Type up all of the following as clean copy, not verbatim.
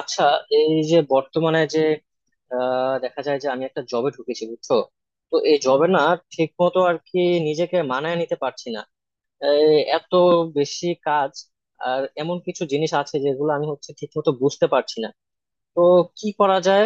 আচ্ছা, এই যে বর্তমানে যে দেখা যায় যে আমি একটা জবে ঢুকেছি, বুঝছো? তো এই জবে না ঠিক মতো আর কি নিজেকে মানায় নিতে পারছি না। এই এত বেশি কাজ, আর এমন কিছু জিনিস আছে যেগুলো আমি হচ্ছে ঠিক মতো বুঝতে পারছি না। তো কি করা যায়?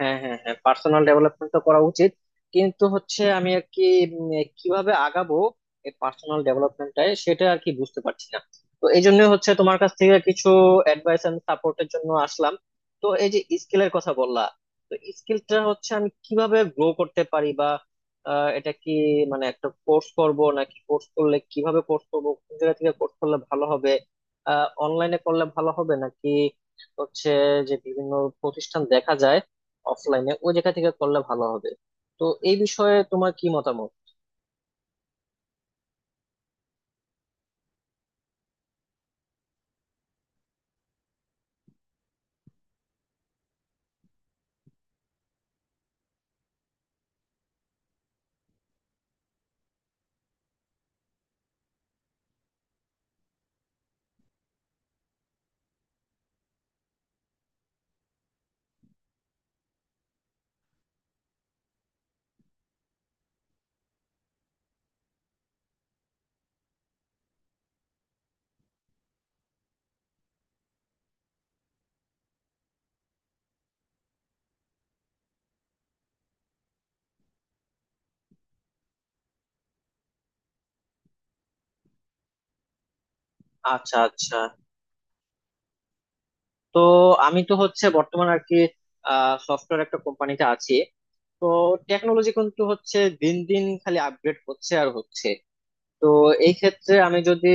হ্যাঁ, হ্যাঁ, হ্যাঁ, পার্সোনাল ডেভেলপমেন্ট তো করা উচিত, কিন্তু হচ্ছে আমি আর কি উম, কিভাবে আগাবো এই পার্সোনাল ডেভেলপমেন্টটায়, সেটা আর কি বুঝতে পারছি না। তো এই জন্য হচ্ছে তোমার কাছ থেকে কিছু অ্যাডভাইস এন্ড সাপোর্টের জন্য আসলাম। তো এই যে স্কিলের কথা বললা, তো স্কিলটা হচ্ছে আমি কিভাবে গ্রো করতে পারি, বা এটা কি মানে একটা কোর্স করব, নাকি কোর্স করলে কিভাবে কোর্স করব, কোন জায়গা থেকে কোর্স করলে ভালো হবে? আহ, অনলাইনে করলে ভালো হবে, নাকি হচ্ছে যে বিভিন্ন প্রতিষ্ঠান দেখা যায়, অফলাইনে ওই জায়গা থেকে করলে ভালো হবে? তো এই বিষয়ে তোমার কি মতামত? আচ্ছা, আচ্ছা। তো আমি তো হচ্ছে বর্তমানে আর কি সফটওয়্যার একটা কোম্পানিতে আছি। তো টেকনোলজি কিন্তু হচ্ছে দিন দিন খালি আপগ্রেড হচ্ছে আর হচ্ছে। তো এই ক্ষেত্রে আমি যদি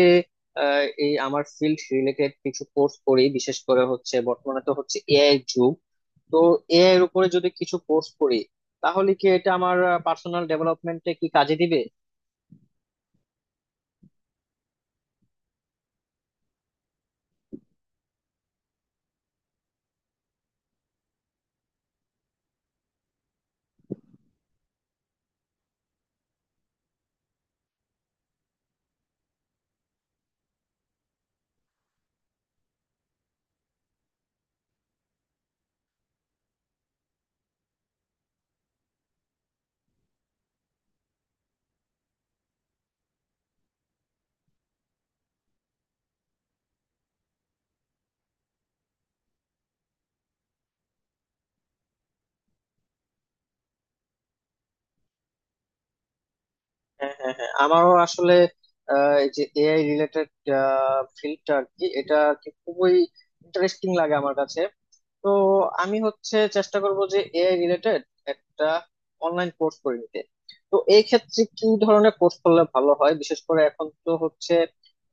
এই আমার ফিল্ড রিলেটেড কিছু কোর্স করি, বিশেষ করে হচ্ছে বর্তমানে তো হচ্ছে এআই যুগ। তো এআই এর উপরে যদি কিছু কোর্স করি, তাহলে কি এটা আমার পার্সোনাল ডেভেলপমেন্টে কি কাজে দিবে? হ্যাঁ, হ্যাঁ, হ্যাঁ, আমারও আসলে এই যে এআই রিলেটেড ফিল্ডটা আর কি এটা আর কি খুবই ইন্টারেস্টিং লাগে আমার কাছে। তো আমি হচ্ছে চেষ্টা করব যে এআই রিলেটেড একটা অনলাইন কোর্স করে নিতে। তো এই ক্ষেত্রে কি ধরনের কোর্স করলে ভালো হয়? বিশেষ করে এখন তো হচ্ছে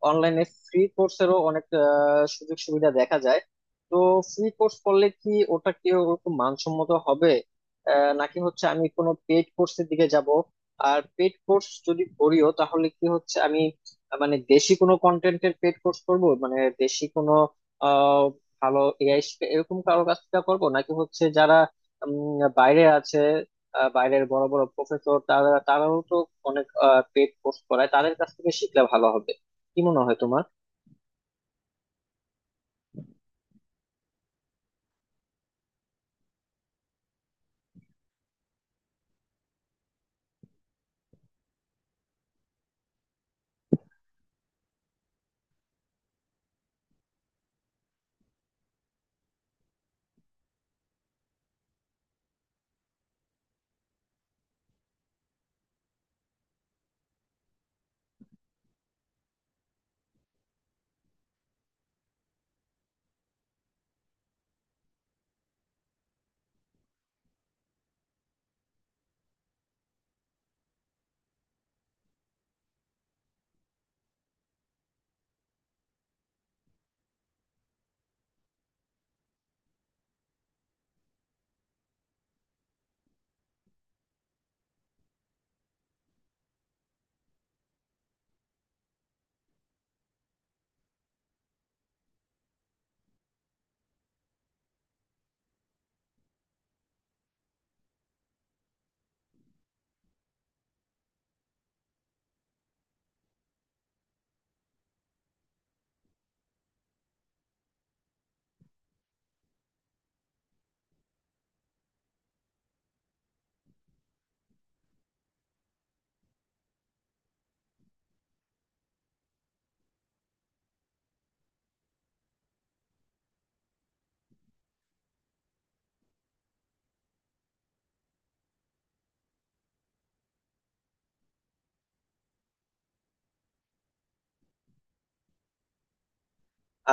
অনলাইনে ফ্রি কোর্সেরও অনেক সুযোগ সুবিধা দেখা যায়। তো ফ্রি কোর্স করলে কি ওটা কি ওরকম মানসম্মত হবে? আহ, নাকি হচ্ছে আমি কোনো পেড কোর্সের দিকে যাব? আর পেড কোর্স যদি করিও, তাহলে কি হচ্ছে আমি মানে দেশি কোনো কন্টেন্টের পেড কোর্স করব? মানে দেশি কোনো ভালো এআই এরকম কারোর কাছ থেকে করবো, নাকি হচ্ছে যারা বাইরে আছে, আহ, বাইরের বড় বড় প্রফেসর, তারাও তো অনেক পেড কোর্স করায়, তাদের কাছ থেকে শিখলে ভালো হবে? কি মনে হয় তোমার?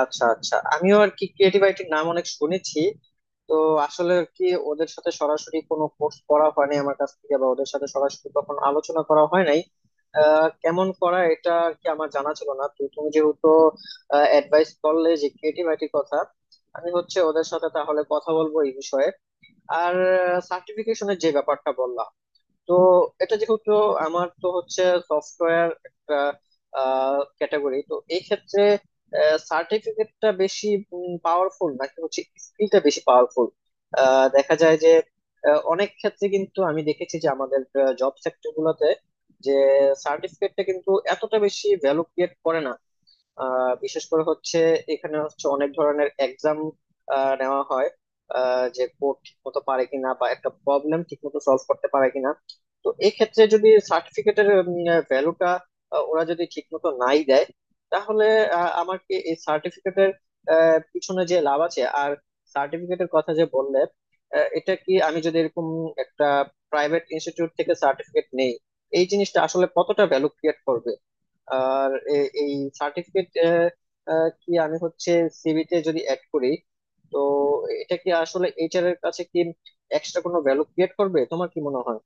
আচ্ছা, আচ্ছা। আমিও আর কি ক্রিয়েটিভ রাইটিং নাম অনেক শুনেছি। তো আসলে কি ওদের সাথে সরাসরি কোনো কোর্স করা হয়নি আমার কাছ থেকে, বা ওদের সাথে সরাসরি কখনো আলোচনা করা হয় নাই। আহ, কেমন করা এটা কি আমার জানা ছিল না। তো তুমি যেহেতু অ্যাডভাইস করলে যে ক্রিয়েটিভ আইটির কথা, আমি হচ্ছে ওদের সাথে তাহলে কথা বলবো এই বিষয়ে। আর সার্টিফিকেশনের যে ব্যাপারটা বললাম, তো এটা যেহেতু আমার তো হচ্ছে সফটওয়্যার একটা ক্যাটাগরি, তো এই ক্ষেত্রে সার্টিফিকেটটা বেশি পাওয়ারফুল, নাকি হচ্ছে স্কিলটা বেশি পাওয়ারফুল? দেখা যায় যে অনেক ক্ষেত্রে কিন্তু আমি দেখেছি যে আমাদের জব সেক্টর গুলোতে যে সার্টিফিকেটটা কিন্তু এতটা বেশি ভ্যালু ক্রিয়েট করে না। বিশেষ করে হচ্ছে এখানে হচ্ছে অনেক ধরনের এক্সাম নেওয়া হয়, যে কোড ঠিক মতো পারে কিনা, বা একটা প্রবলেম ঠিক মতো সলভ করতে পারে কিনা। তো এক্ষেত্রে যদি সার্টিফিকেটের ভ্যালুটা ওরা যদি ঠিক মতো নাই দেয়, তাহলে আহ, আমার কি এই সার্টিফিকেটের পিছনে যে লাভ আছে? আর সার্টিফিকেটের কথা যে বললে, এটা কি আমি যদি এরকম একটা প্রাইভেট ইনস্টিটিউট থেকে সার্টিফিকেট নেই, এই জিনিসটা আসলে কতটা ভ্যালু ক্রিয়েট করবে? আর এই সার্টিফিকেট কি আমি হচ্ছে সিভিতে যদি অ্যাড করি, তো এটা কি আসলে এইচআর এর কাছে কি এক্সট্রা কোনো ভ্যালু ক্রিয়েট করবে? তোমার কি মনে হয়?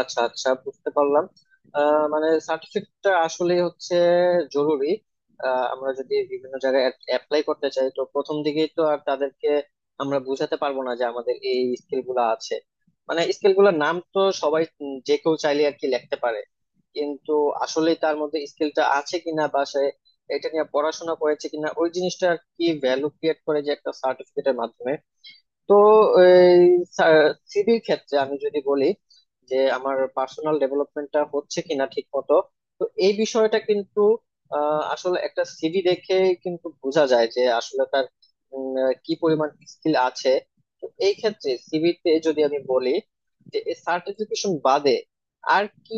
আচ্ছা, আচ্ছা, বুঝতে পারলাম। আহ, মানে সার্টিফিকেটটা আসলে হচ্ছে জরুরি। আহ, আমরা যদি বিভিন্ন জায়গায় অ্যাপ্লাই করতে চাই, তো প্রথম দিকেই তো আর তাদেরকে আমরা বোঝাতে পারবো না যে আমাদের এই স্কিল গুলা আছে। মানে স্কিল গুলার নাম তো সবাই যে কেউ চাইলে আর কি লিখতে পারে। কিন্তু আসলে তার মধ্যে স্কিলটা আছে কিনা, বা সে এটা নিয়ে পড়াশোনা করেছে কিনা, ওই জিনিসটা আর কি ভ্যালু ক্রিয়েট করে, যে একটা সার্টিফিকেটের মাধ্যমে। তো এই সিভির ক্ষেত্রে আমি যদি বলি যে আমার পার্সোনাল ডেভেলপমেন্টটা হচ্ছে কিনা ঠিক মতো, তো এই বিষয়টা কিন্তু আহ, আসলে একটা সিভি দেখে কিন্তু বোঝা যায় যে আসলে তার কি পরিমাণ স্কিল আছে। তো এই ক্ষেত্রে সিভিতে যদি আমি বলি যে সার্টিফিকেশন বাদে আর কি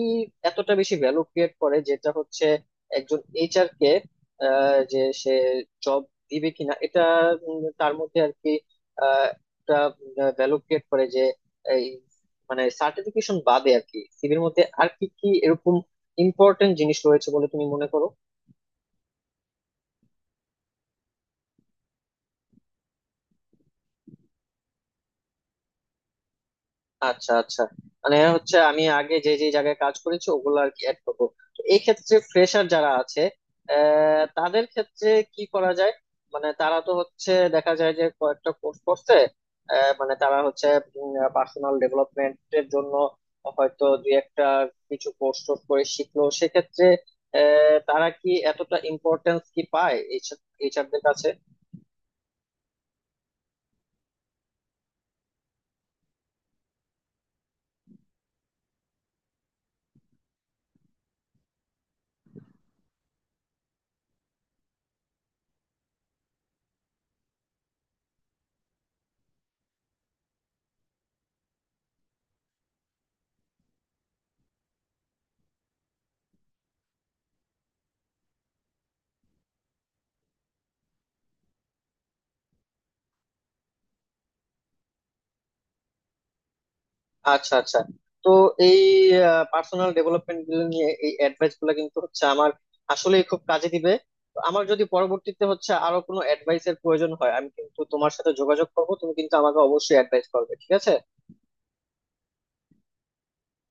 এতটা বেশি ভ্যালু ক্রিয়েট করে, যেটা হচ্ছে একজন এইচআর কে আহ, যে সে জব দিবে কিনা, এটা উম, তার মধ্যে আর কি একটা ভ্যালু ক্রিয়েট করে। যে এই মানে সার্টিফিকেশন বাদে আর কি সিভির মধ্যে আর কি কি এরকম ইম্পর্টেন্ট জিনিস রয়েছে বলে তুমি মনে করো? আচ্ছা, আচ্ছা, মানে হচ্ছে আমি আগে যে যে জায়গায় কাজ করেছি ওগুলো আর কি অ্যাড করবো। তো এই ক্ষেত্রে ফ্রেশার যারা আছে, আহ, তাদের ক্ষেত্রে কি করা যায়? মানে তারা তো হচ্ছে দেখা যায় যে কয়েকটা কোর্স করছে, আহ, মানে তারা হচ্ছে পার্সোনাল ডেভেলপমেন্টের জন্য হয়তো দুই একটা কিছু কোর্স টোর্স করে শিখলো, সেক্ষেত্রে আহ, তারা কি এতটা ইম্পর্টেন্স কি পায় এইচআর দের কাছে? আচ্ছা, আচ্ছা। তো এই পার্সোনাল ডেভেলপমেন্ট গুলো নিয়ে এই অ্যাডভাইস গুলো কিন্তু হচ্ছে আমার আসলেই খুব কাজে দিবে। তো আমার যদি পরবর্তীতে হচ্ছে আরো কোনো অ্যাডভাইস এর প্রয়োজন হয়, আমি কিন্তু তোমার সাথে যোগাযোগ করবো। তুমি কিন্তু আমাকে অবশ্যই অ্যাডভাইস করবে, ঠিক আছে?